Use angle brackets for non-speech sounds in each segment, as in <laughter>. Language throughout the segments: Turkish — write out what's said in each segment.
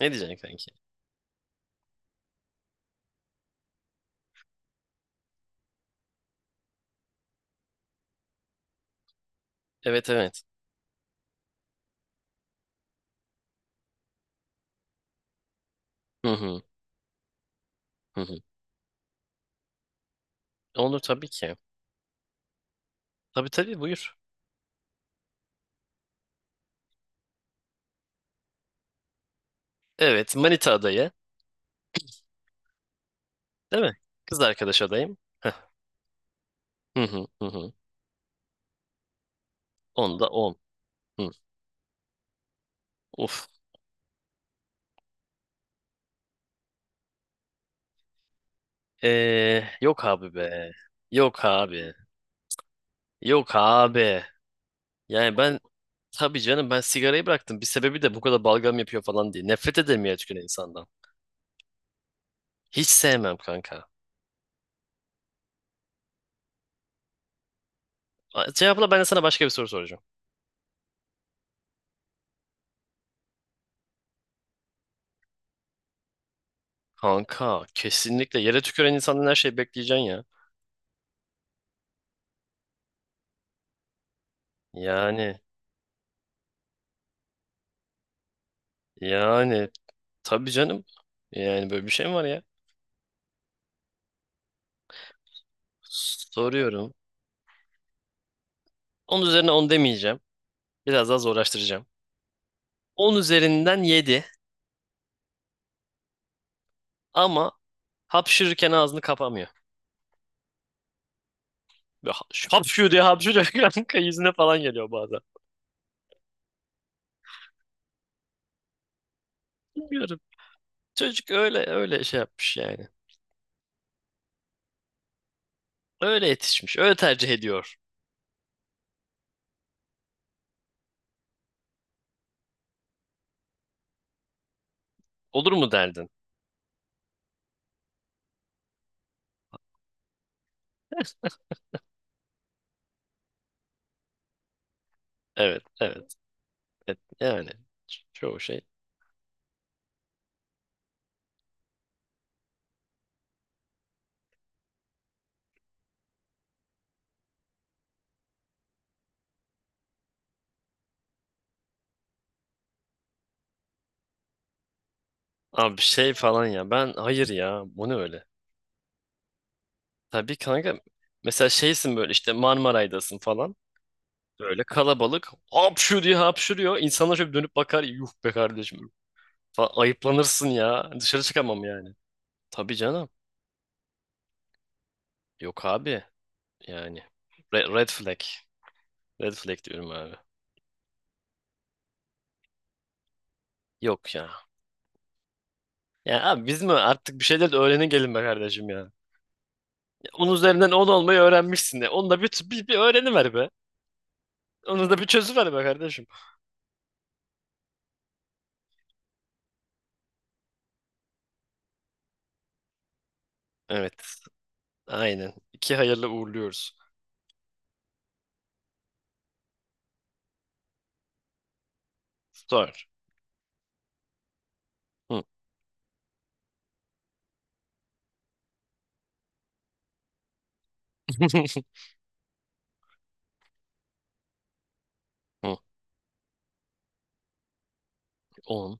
Ne diyeceksin kanki? Evet evet. Hı hı. Hı hı. Olur tabii ki. Tabii tabii buyur. Evet, manita adayı. Değil mi? Kız arkadaş adayım. Heh. Hı hı hı hı. Onda on. Hı. Uf. Yok abi be. Yok abi. Yok abi. Yani ben, tabii canım, ben sigarayı bıraktım. Bir sebebi de bu kadar balgam yapıyor falan diye. Nefret ederim ya, çünkü insandan. Hiç sevmem kanka. A- Cevapla, ben de sana başka bir soru soracağım. Kanka, kesinlikle yere tüküren insandan her şeyi bekleyeceksin ya. Yani Yani tabii canım. Yani böyle bir şey mi var ya? Soruyorum. 10 üzerine 10 demeyeceğim. Biraz daha zorlaştıracağım. On üzerinden yedi, ama hapşırırken ağzını kapamıyor. Böyle hapşıyor diye hapşırıyor, <laughs> kanka, yüzüne falan geliyor bazen. Bilmiyorum. Çocuk öyle öyle şey yapmış yani. Öyle yetişmiş. Öyle tercih ediyor. Olur mu derdin? <laughs> Evet, evet, evet. Yani çoğu şey. Abi şey falan ya. Ben hayır ya. Bu ne öyle? Tabii kanka. Mesela şeysin, böyle işte Marmaray'dasın falan. Böyle kalabalık, hapşu diye hapşuruyor. İnsanlar şöyle dönüp bakar. Yuh be kardeşim. Falan. Ayıplanırsın ya. Dışarı çıkamam yani. Tabii canım. Yok abi. Yani. Red flag. Red flag diyorum abi. Yok ya. Ya abi, biz mi, artık bir şeyler de öğrenin gelin be kardeşim ya. Ya onun üzerinden 10 olmayı öğrenmişsin de. Onu da bir öğreniver be. Onu da bir çözüver be kardeşim. Evet. Aynen. İki hayırlı uğurluyoruz. Sor. Hı. <laughs> Hı, 10.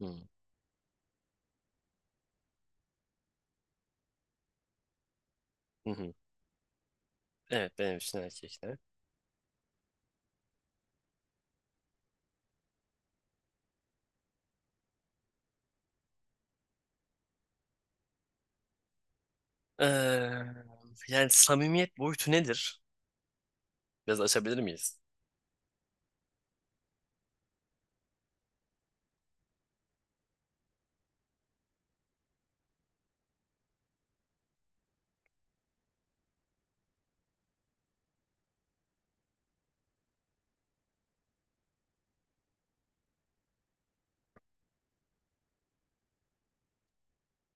Hı, hı hı. Evet, benim için erkekler. Eee, yani samimiyet boyutu nedir? Biraz açabilir miyiz?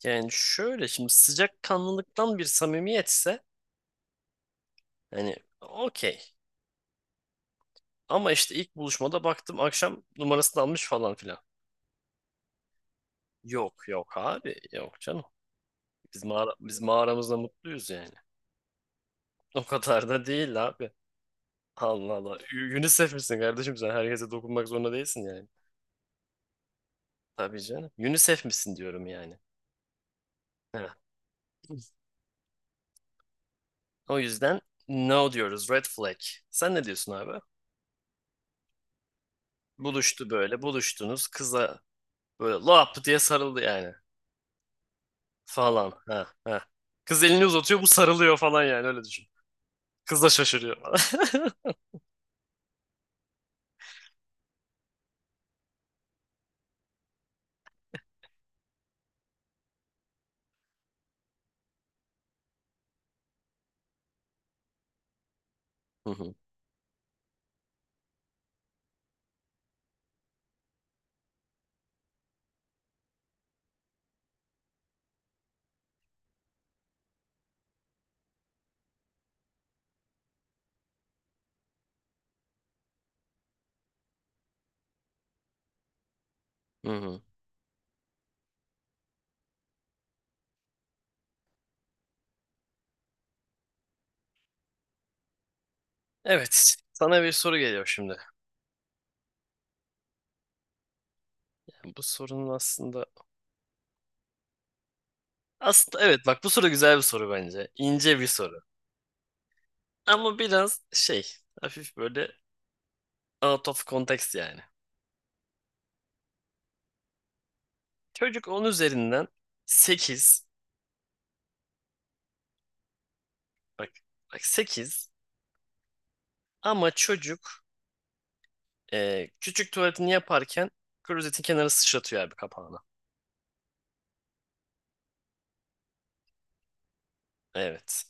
Yani şöyle, şimdi sıcakkanlılıktan bir samimiyetse hani okey. Ama işte ilk buluşmada baktım akşam numarasını almış falan filan. Yok yok abi yok canım. Biz mağara, biz mağaramızda mutluyuz yani. O kadar da değil abi. Allah Allah. UNICEF misin kardeşim sen? Herkese dokunmak zorunda değilsin yani. Tabii canım. UNICEF misin diyorum yani. Heh. O yüzden no diyoruz. Red flag. Sen ne diyorsun abi? Buluştu böyle. Buluştunuz. Kıza böyle lap diye sarıldı yani. Falan. Ha, ha. Kız elini uzatıyor. Bu sarılıyor falan yani. Öyle düşün. Kız da şaşırıyor falan. <laughs> Hı hı, hı hı. Evet. Sana bir soru geliyor şimdi. Bu sorunun aslında... Aslında evet, bak, bu soru güzel bir soru bence. İnce bir soru. Ama biraz şey, hafif böyle out of context yani. Çocuk 10 üzerinden sekiz. Bak, bak, sekiz. Ama çocuk, küçük tuvaletini yaparken klozetin kenarı sıçratıyor abi, kapağına. Evet.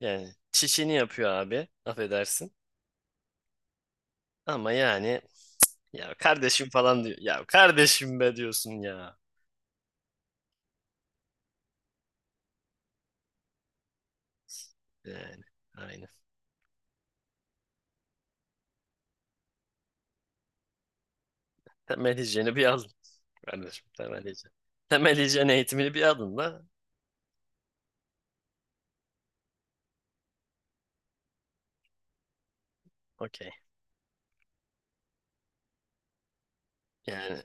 Yani çişini yapıyor abi. Affedersin. Ama yani, ya kardeşim falan diyor. Ya kardeşim be, diyorsun ya. Yani aynen. Temel hijyeni bir alın. Kardeşim, temel hijyen. Temel hijyen eğitimini bir alın da. Okey. Yani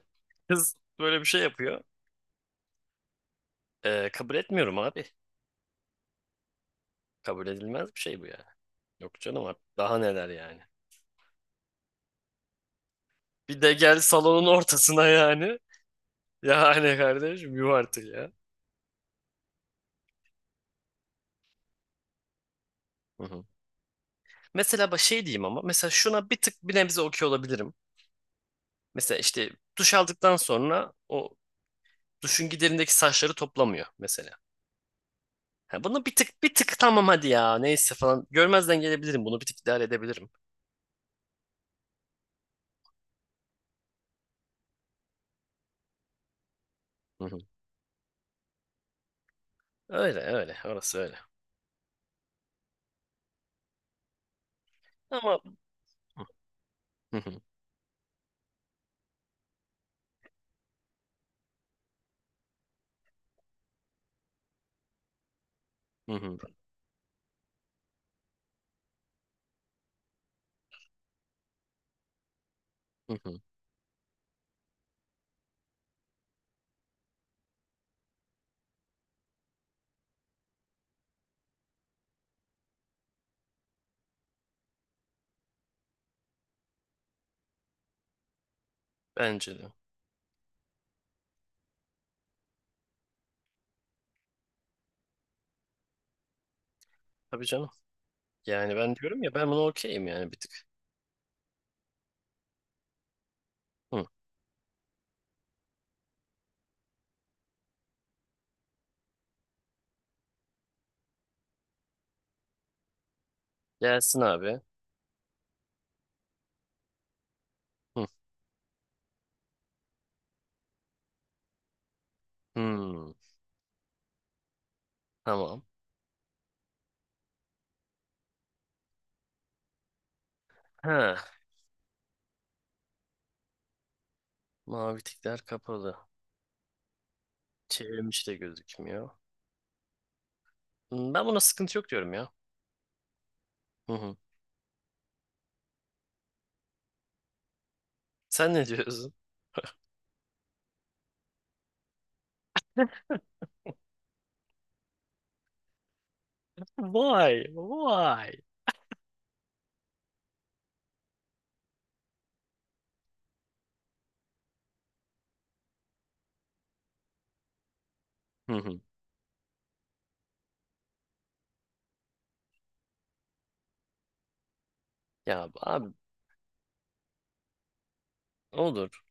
kız böyle bir şey yapıyor. Kabul etmiyorum abi. Kabul edilmez bir şey bu yani. Yok canım abi. Daha neler yani. Bir de gel salonun ortasına yani. Yani kardeşim yuh artık ya. Hı hı. Mesela bak şey diyeyim, ama mesela şuna bir tık bir nebze okey olabilirim. Mesela işte duş aldıktan sonra o duşun giderindeki saçları toplamıyor mesela. Ha, bunu bir tık bir tık tamam hadi ya neyse falan görmezden gelebilirim, bunu bir tık idare edebilirim. Hı hı. Öyle öyle orası öyle. Ama. Hı hı. Hı hı. Hı hı. Bence de. Tabii canım. Yani ben diyorum ya, ben bunu okeyim yani bir tık. Hı. Gelsin abi. Hı. Hı. Tamam. Ha. Mavi tikler kapalı. Çevirmiş de gözükmüyor. Ben buna sıkıntı yok diyorum ya. Hı hı. Sen ne diyorsun? Vay, vay. Hı hı. Ya abi, olur.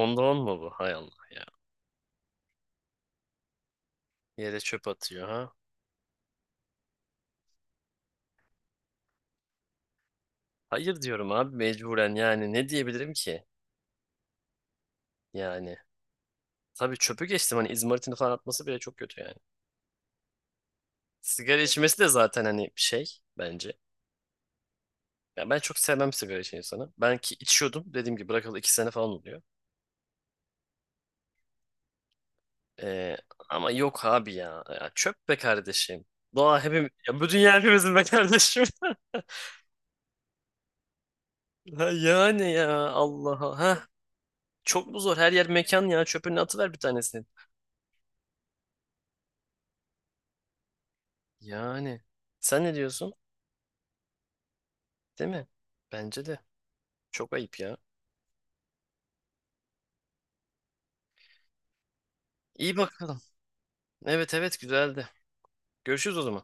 Onda on mu bu? Hay Allah ya. Yere çöp atıyor ha. Hayır diyorum abi, mecburen, yani ne diyebilirim ki? Yani tabii çöpü geçtim, hani izmaritini falan atması bile çok kötü yani. Sigara içmesi de zaten hani şey, bence. Ya ben çok sevmem sigara içen insanı. Ben ki içiyordum, dediğim gibi bırakalı 2 sene falan oluyor. Ee, ama yok abi ya. Ya çöp be kardeşim. Doğa hepim ya, bu dünya hepimizin be kardeşim. <laughs> Ha. Yani ya Allah'a. Ha, çok mu zor? Her yer mekan ya. Çöpünü atıver bir tanesini. Yani. Sen ne diyorsun? Değil mi? Bence de. Çok ayıp ya. İyi bakalım. Evet, evet, güzeldi. Görüşürüz o zaman.